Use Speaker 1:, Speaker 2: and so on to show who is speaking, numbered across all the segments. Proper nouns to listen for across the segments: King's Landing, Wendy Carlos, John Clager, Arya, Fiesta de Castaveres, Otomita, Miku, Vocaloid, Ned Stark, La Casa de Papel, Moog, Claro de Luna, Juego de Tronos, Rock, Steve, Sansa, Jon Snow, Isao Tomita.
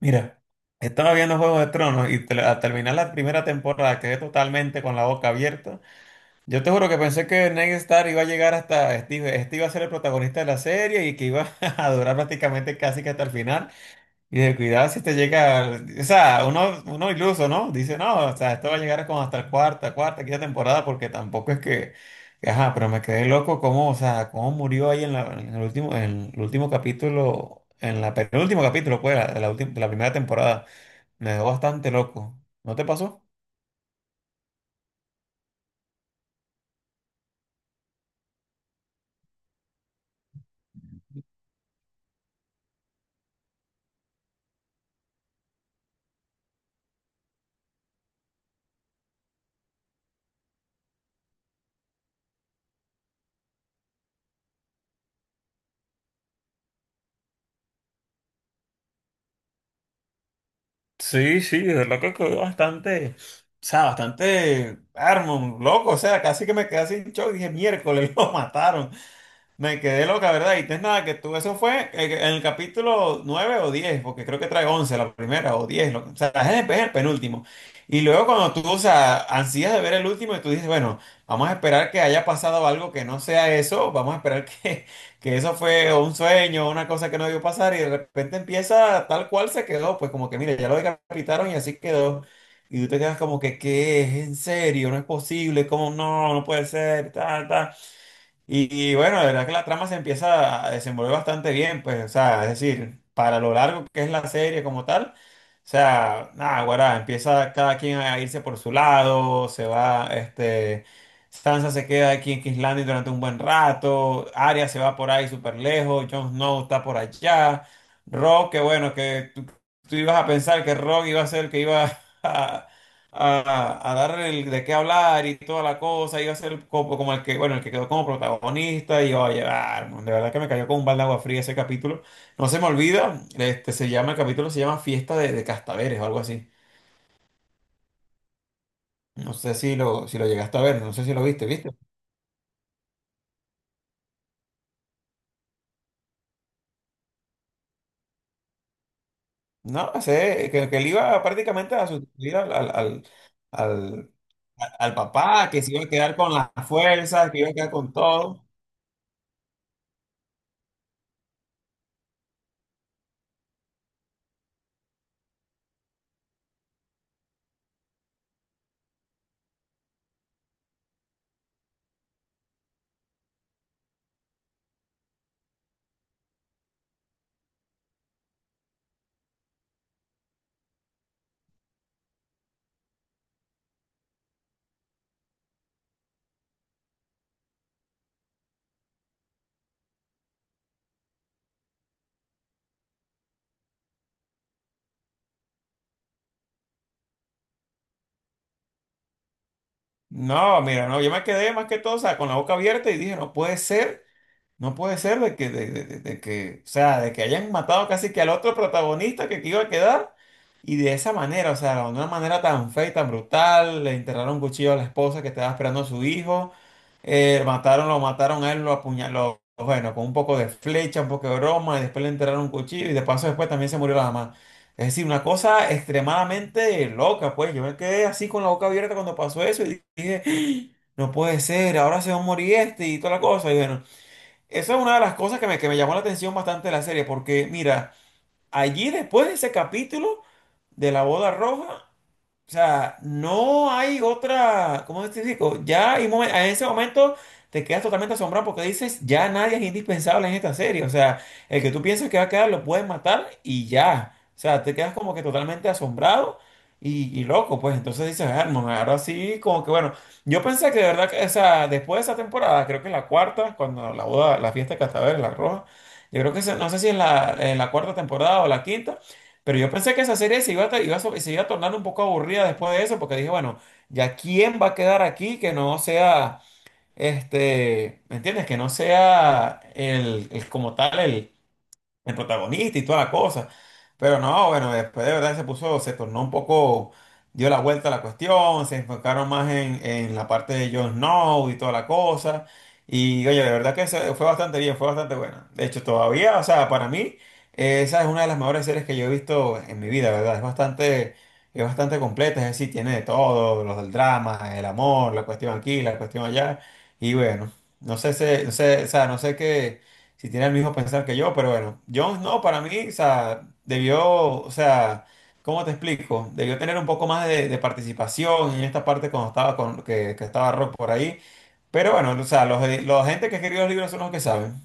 Speaker 1: Mira, estaba viendo Juego de Tronos al terminar la primera temporada quedé totalmente con la boca abierta. Yo te juro que pensé que Ned Stark iba a llegar hasta Steve, este iba a ser el protagonista de la serie y que iba a durar prácticamente casi que hasta el final. Y de cuidado si te llega, o sea, uno iluso, ¿no? Dice, no, o sea, esto va a llegar como hasta la cuarta, quinta temporada porque tampoco es que, ajá, pero me quedé loco cómo, o sea, cómo murió ahí en el último capítulo. En la penúltimo capítulo, pues, de la primera temporada. Me dejó bastante loco. ¿No te pasó? Sí, sí, de verdad que quedó bastante, o sea, bastante loco, o sea, casi que me quedé sin shock, dije, miércoles, lo mataron. Me quedé loca, ¿verdad? Y no es nada que tú, eso fue en el capítulo 9 o 10 porque creo que trae 11 la primera o o sea, es el penúltimo. Y luego cuando tú, o sea, ansías de ver el último y tú dices, bueno, vamos a esperar que haya pasado algo que no sea eso, vamos a esperar que eso fue un sueño, una cosa que no debió pasar y de repente empieza tal cual se quedó, pues como que, mire, ya lo decapitaron y así quedó. Y tú te quedas como que, ¿qué es? ¿En serio? No es posible, ¿cómo no? No puede ser, tal, tal. Y bueno, la verdad que la trama se empieza a desenvolver bastante bien, pues, o sea, es decir, para lo largo que es la serie como tal, o sea, nada, guará, empieza cada quien a irse por su lado, se va, este, Sansa se queda aquí en King's Landing durante un buen rato, Arya se va por ahí súper lejos, Jon Snow está por allá, Rock, que bueno, tú ibas a pensar que Rock iba a ser el que iba a, a dar el, de qué hablar y toda la cosa, iba a ser como, como el que, bueno, el que quedó como protagonista y iba a llevar, de verdad que me cayó con un balde de agua fría ese capítulo. No se me olvida, este se llama, el capítulo se llama Fiesta de Castaveres o algo así. No sé si lo, si lo llegaste a ver, no sé si lo viste, ¿viste? No, sé, que él iba prácticamente a sustituir al, al papá, que se iba a quedar con las fuerzas, que iba a quedar con todo. No, mira, no, yo me quedé más que todo, o sea, con la boca abierta y dije, no puede ser. No puede ser de que, o sea, de que hayan matado casi que al otro protagonista que iba a quedar y de esa manera, o sea, de una manera tan fea y tan brutal, le enterraron un cuchillo a la esposa que estaba esperando a su hijo, mataron, lo mataron a él, lo apuñaló, bueno, con un poco de flecha, un poco de broma, y después le enterraron un cuchillo y de paso después también se murió la mamá. Es decir, una cosa extremadamente loca, pues yo me quedé así con la boca abierta cuando pasó eso y dije, "¡Ah! No puede ser, ahora se va a morir este y toda la cosa", y bueno. Esa es una de las cosas que me llamó la atención bastante de la serie, porque mira, allí después de ese capítulo de la boda roja, o sea, no hay otra, ¿cómo te digo? Ya hay momen- en ese momento te quedas totalmente asombrado porque dices, ya nadie es indispensable en esta serie. O sea, el que tú piensas que va a quedar lo puedes matar y ya. O sea, te quedas como que totalmente asombrado y loco, pues. Entonces dices, hermano, ahora sí, como que bueno. Yo pensé que de verdad, que, o sea, después de esa temporada, creo que la cuarta, cuando la boda, la fiesta de Castaver, la roja, yo creo que esa- no sé si es la, en la cuarta temporada o la quinta. Pero yo pensé que esa serie se iba a, iba a so- se iba a tornar un poco aburrida después de eso, porque dije, bueno, ¿ya quién va a quedar aquí que no sea, este, ¿me entiendes? Que no sea el- como tal el protagonista y toda la cosa. Pero no, bueno, después de verdad se puso, se tornó un poco, dio la vuelta a la cuestión, se enfocaron más en la parte de Jon Snow y toda la cosa. Y oye, de verdad que se- fue bastante bien, fue bastante buena. De hecho, todavía, o sea, para mí, esa es una de las mejores series que yo he visto en mi vida, ¿verdad? Es bastante completa, es decir, tiene de todo, los del drama, el amor, la cuestión aquí, la cuestión allá. Y bueno, no sé, o sea, no sé qué si tiene el mismo pensar que yo, pero bueno, Jones no, para mí, o sea, debió, o sea, ¿cómo te explico? Debió tener un poco más de participación en esta parte cuando estaba con, que estaba Rock por ahí. Pero bueno, o sea, los gente que escribió los libros son los que saben.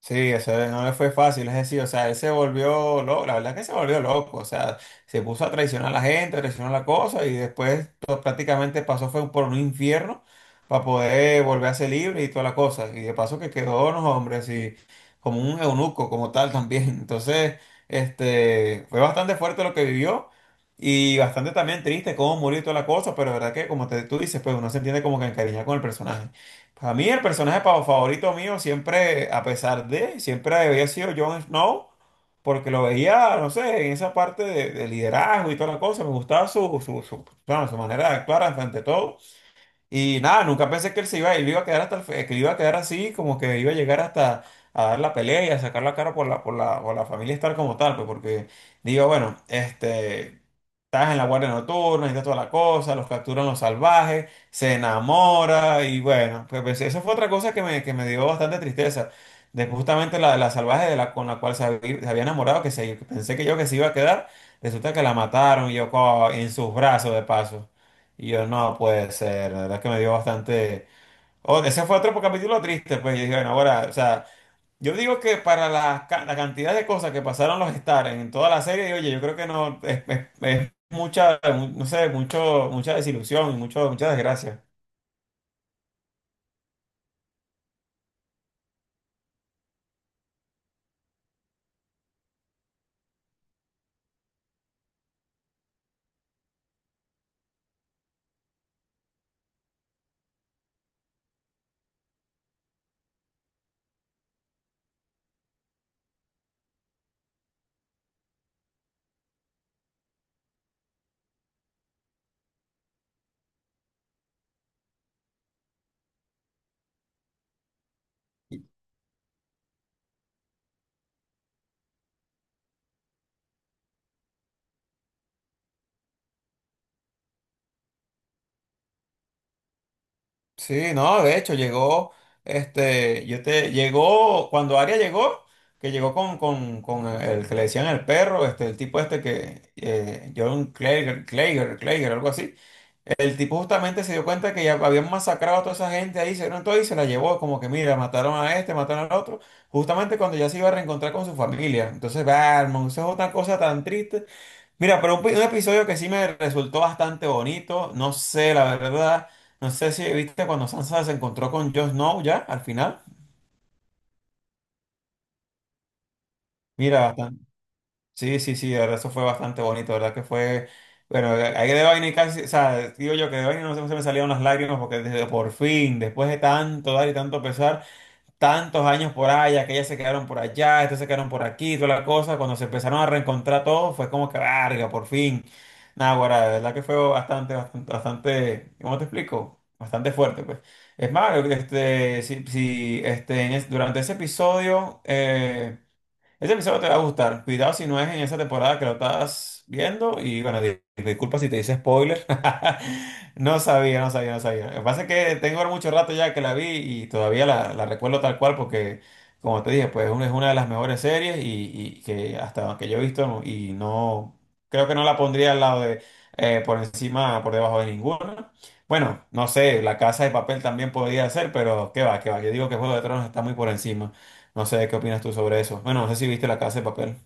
Speaker 1: Sí, eso no le fue fácil, es decir, o sea, él se volvió loco, la verdad es que se volvió loco, o sea, se puso a traicionar a la gente, a traicionar la cosa y después to- prácticamente pasó fue por un infierno para poder volver a ser libre y toda la cosa. Y de paso que quedó, no, hombre, así como un eunuco como tal también. Entonces, este, fue bastante fuerte lo que vivió y bastante también triste cómo murió y toda la cosa, pero la verdad que como te, tú dices, pues uno se entiende como que encariñado con el personaje. Para mí el personaje pa- favorito mío siempre, a pesar de, siempre había sido Jon Snow, porque lo veía, no sé, en esa parte de liderazgo y toda la cosa, me gustaba bueno, su manera de actuar ante todo. Y nada, nunca pensé que él se iba, él iba a quedar hasta el fe- que iba a quedar así, como que iba a llegar hasta a dar la pelea y a sacar la cara por la, por la familia estar como tal, pues porque digo, bueno, este, estás en la guardia nocturna, está toda la cosa, los capturan los salvajes, se enamora y bueno, pues, eso fue otra cosa que me dio bastante tristeza. De justamente la, la salvaje de la, con la cual se había enamorado, que se, pensé que yo que se iba a quedar, resulta que la mataron y yo co- en sus brazos de paso. Y yo, no puede ser, la verdad que me dio bastante... Oh, ese fue otro capítulo triste, pues yo dije, bueno, ahora, o sea, yo digo que para la, ca- la cantidad de cosas que pasaron los Star en toda la serie, oye, yo creo que no, es mucha, mu- no sé, mucho, mucha desilusión y mucho, mucha desgracia. Sí, no, de hecho, llegó, este, yo te, llegó, cuando Aria llegó, que llegó con con el que le decían el perro, este, el tipo este que, John Clager, algo así. El tipo justamente se dio cuenta que ya habían masacrado a toda esa gente ahí, se dieron todo y se la llevó, como que mira, mataron a este, mataron al otro, justamente cuando ya se iba a reencontrar con su familia. Entonces, va, hermano, eso es otra cosa tan triste. Mira, pero un, pi- un episodio que sí me resultó bastante bonito, no sé, la verdad, no sé si viste cuando Sansa se encontró con Jon Snow ya al final. Mira, sí, sí, sí, la verdad, eso fue bastante bonito, la ¿verdad? Que fue, bueno, ahí de vaina y casi, o sea, digo yo que de vaina no se, no se me salieron las lágrimas porque desde por fin, después de tanto dar y tanto pesar, tantos años por allá, que ellas se quedaron por allá, estos se quedaron por aquí, toda la cosa, cuando se empezaron a reencontrar todos, fue como que, verga, por fin. Nada, guarda, de verdad que fue bastante, bastante, bastante, ¿cómo te explico? Bastante fuerte, pues. Es más, este, si, si, este, en es- durante ese episodio, eh. Ese episodio te va a gustar. Cuidado si no es en esa temporada que lo estás viendo. Y bueno, di- disculpa si te hice spoiler. No sabía. Lo que pasa es que tengo mucho rato ya que la vi y todavía la, la recuerdo tal cual porque, como te dije, pues es una de las mejores series y que hasta que yo he visto no- y no, creo que no la pondría al lado de, por encima, por debajo de ninguna. Bueno, no sé, La Casa de Papel también podría ser, pero qué va, qué va. Yo digo que Juego de Tronos está muy por encima. No sé qué opinas tú sobre eso. Bueno, no sé si viste La Casa de Papel.